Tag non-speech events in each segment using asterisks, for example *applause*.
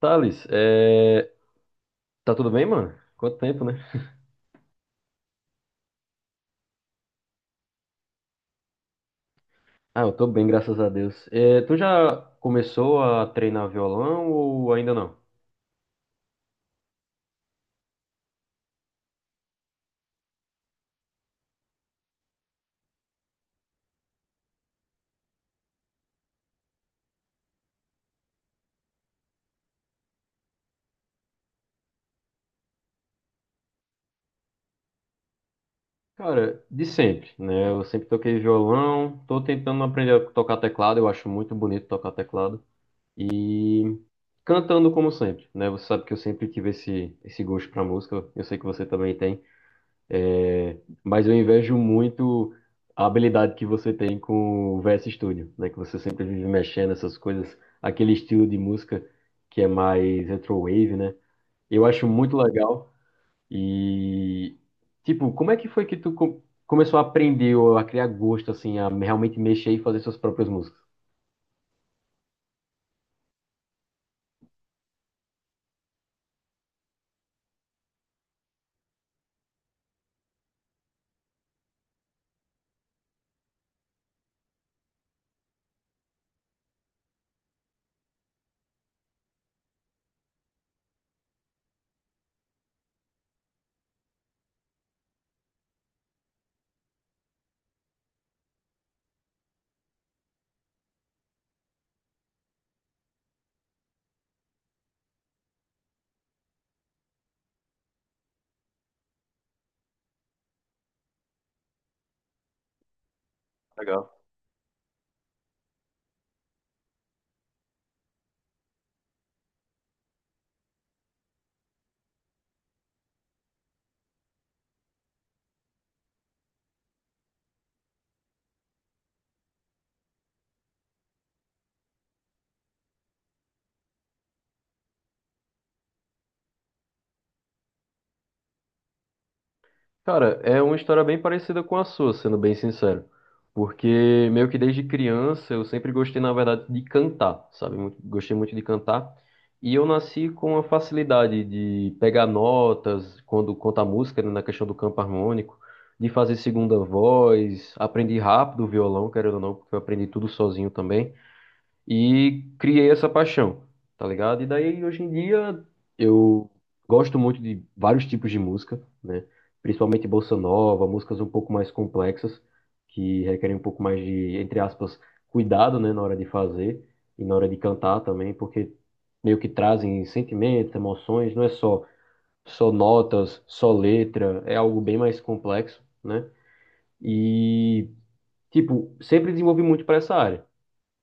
Thales, tá tudo bem, mano? Quanto tempo, né? Ah, eu tô bem, graças a Deus. Tu já começou a treinar violão ou ainda não? Cara, de sempre, né? Eu sempre toquei violão, tô tentando aprender a tocar teclado, eu acho muito bonito tocar teclado. E cantando como sempre, né? Você sabe que eu sempre tive esse gosto pra música, eu sei que você também tem. É, mas eu invejo muito a habilidade que você tem com o VS Studio, né? Que você sempre vive mexendo essas coisas, aquele estilo de música que é mais retrowave, né? Eu acho muito legal e tipo, como é que foi que começou a aprender ou a criar gosto assim, a realmente mexer e fazer suas próprias músicas? Legal. Cara, é uma história bem parecida com a sua, sendo bem sincero. Porque meio que desde criança eu sempre gostei, na verdade, de cantar, sabe? Gostei muito de cantar. E eu nasci com a facilidade de pegar notas quando conta a música, né, na questão do campo harmônico, de fazer segunda voz, aprendi rápido o violão, querendo ou não, porque eu aprendi tudo sozinho também e criei essa paixão, tá ligado? E daí hoje em dia eu gosto muito de vários tipos de música, né? Principalmente bossa nova, músicas um pouco mais complexas, que requerem um pouco mais de, entre aspas, cuidado, né, na hora de fazer e na hora de cantar também, porque meio que trazem sentimentos, emoções, não é só notas, só letra, é algo bem mais complexo, né? E tipo, sempre desenvolvi muito para essa área.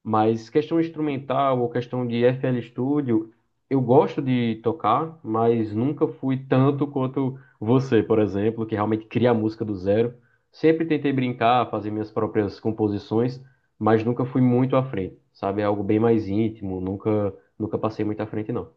Mas questão instrumental ou questão de FL Studio, eu gosto de tocar, mas nunca fui tanto quanto você, por exemplo, que realmente cria a música do zero. Sempre tentei brincar, fazer minhas próprias composições, mas nunca fui muito à frente, sabe? É algo bem mais íntimo, nunca, nunca passei muito à frente, não.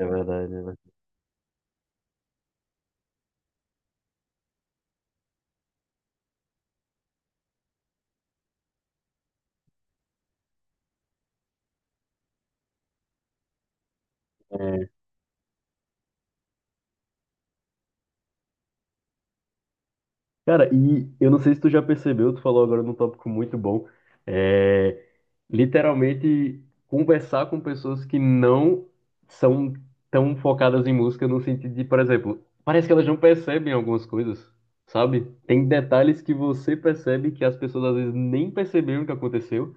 É verdade. Cara, e eu não sei se tu já percebeu, tu falou agora num tópico muito bom, é literalmente conversar com pessoas que não são tão focadas em música no sentido de, por exemplo, parece que elas não percebem algumas coisas, sabe? Tem detalhes que você percebe que as pessoas às vezes nem perceberam que aconteceu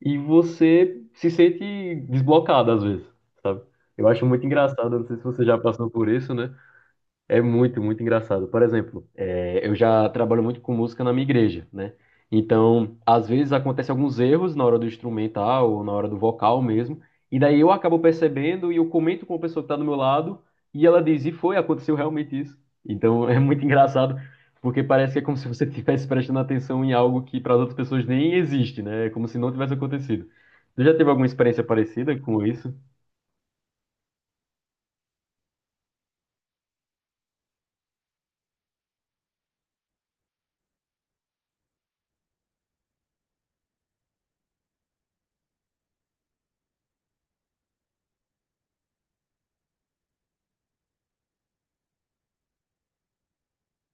e você se sente desblocado às vezes, sabe? Eu acho muito engraçado, não sei se você já passou por isso, né? É muito, muito engraçado. Por exemplo, eu já trabalho muito com música na minha igreja, né? Então, às vezes acontecem alguns erros na hora do instrumental ou na hora do vocal mesmo, e daí eu acabo percebendo e eu comento com a pessoa que está do meu lado e ela diz: e foi, aconteceu realmente isso. Então, *laughs* é muito engraçado porque parece que é como se você *laughs* estivesse prestando atenção em algo que para as outras pessoas nem existe, né? É como se não tivesse acontecido. Você já teve alguma experiência parecida com isso?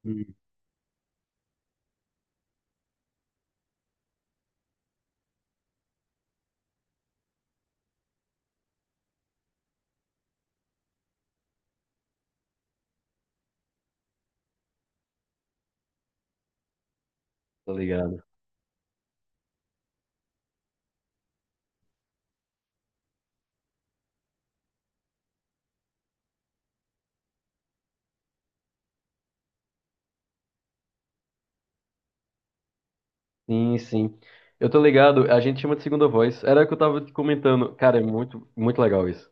Hum. Tá ligado. Sim, sim. Eu tô ligado, a gente chama de segunda voz. Era o que eu tava te comentando. Cara, é muito, muito legal isso.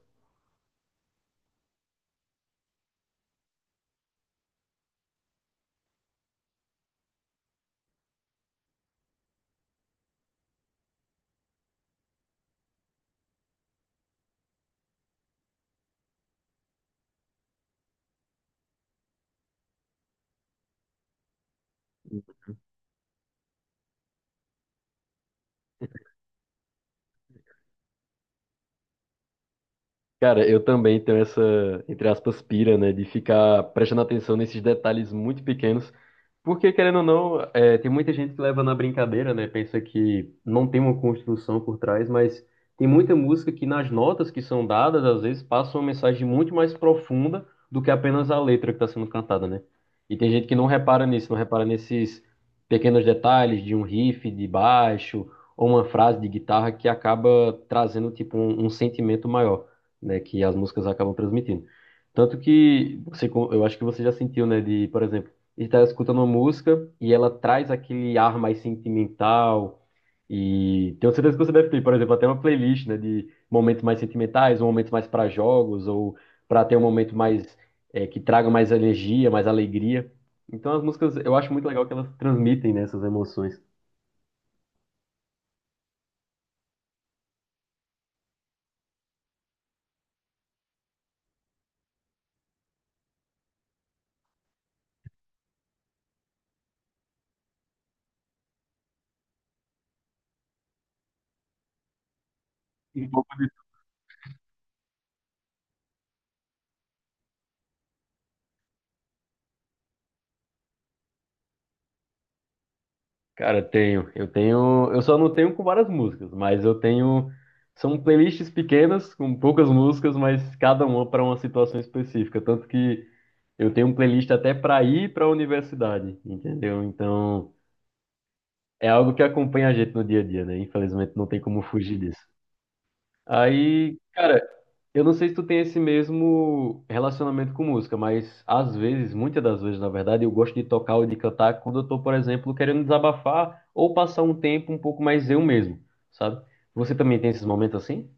Cara, eu também tenho essa, entre aspas, pira, né, de ficar prestando atenção nesses detalhes muito pequenos, porque, querendo ou não, tem muita gente que leva na brincadeira, né, pensa que não tem uma construção por trás, mas tem muita música que nas notas que são dadas, às vezes, passa uma mensagem muito mais profunda do que apenas a letra que está sendo cantada, né? E tem gente que não repara nisso, não repara nesses pequenos detalhes de um riff de baixo ou uma frase de guitarra que acaba trazendo, tipo, um sentimento maior né, que as músicas acabam transmitindo. Tanto que eu acho que você já sentiu, né, de, por exemplo, estar escutando uma música e ela traz aquele ar mais sentimental e tenho certeza que você deve ter, por exemplo, até uma playlist, né, de momentos mais sentimentais, ou momentos mais para jogos ou para ter um momento mais que traga mais energia, mais alegria. Então as músicas, eu acho muito legal que elas transmitem, né, essas emoções. Cara, tenho. Eu tenho. Eu só não tenho com várias músicas, mas eu tenho. São playlists pequenas, com poucas músicas, mas cada uma para uma situação específica. Tanto que eu tenho um playlist até para ir para a universidade, entendeu? Então, é algo que acompanha a gente no dia a dia, né? Infelizmente, não tem como fugir disso. Aí, cara, eu não sei se tu tem esse mesmo relacionamento com música, mas às vezes, muitas das vezes, na verdade, eu gosto de tocar ou de cantar quando eu tô, por exemplo, querendo desabafar ou passar um tempo um pouco mais eu mesmo, sabe? Você também tem esses momentos assim?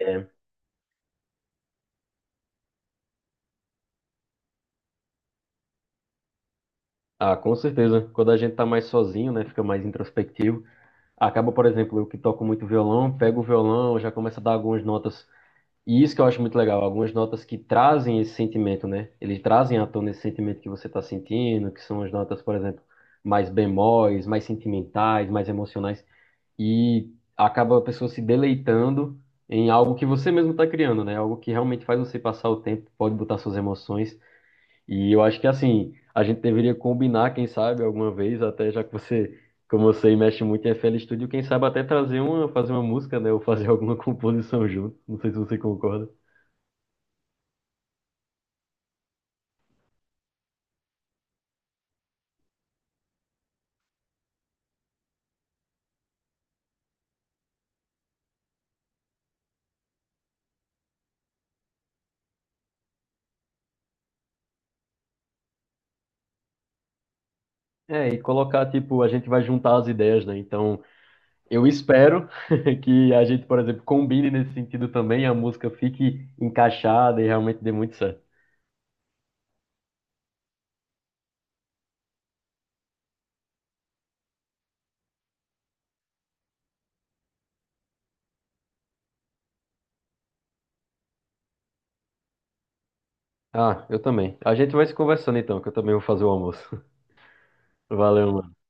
É. Ah, com certeza. Quando a gente tá mais sozinho, né, fica mais introspectivo. Acaba, por exemplo, eu que toco muito violão, pego o violão, já começo a dar algumas notas. E isso que eu acho muito legal, algumas notas que trazem esse sentimento, né? Eles trazem à tona esse sentimento que você está sentindo, que são as notas, por exemplo, mais bemóis, mais sentimentais, mais emocionais, e acaba a pessoa se deleitando em algo que você mesmo está criando, né? Algo que realmente faz você passar o tempo, pode botar suas emoções. E eu acho que assim, a gente deveria combinar, quem sabe, alguma vez, até já que você, como você mexe muito em FL Studio, quem sabe até trazer uma, fazer uma música, né? Ou fazer *laughs* alguma composição junto. Não sei se você concorda. É, e colocar, tipo, a gente vai juntar as ideias, né? Então, eu espero *laughs* que a gente, por exemplo, combine nesse sentido também, a música fique encaixada e realmente dê muito certo. Ah, eu também. A gente vai se conversando então, que eu também vou fazer o almoço. *laughs* Valeu, mano.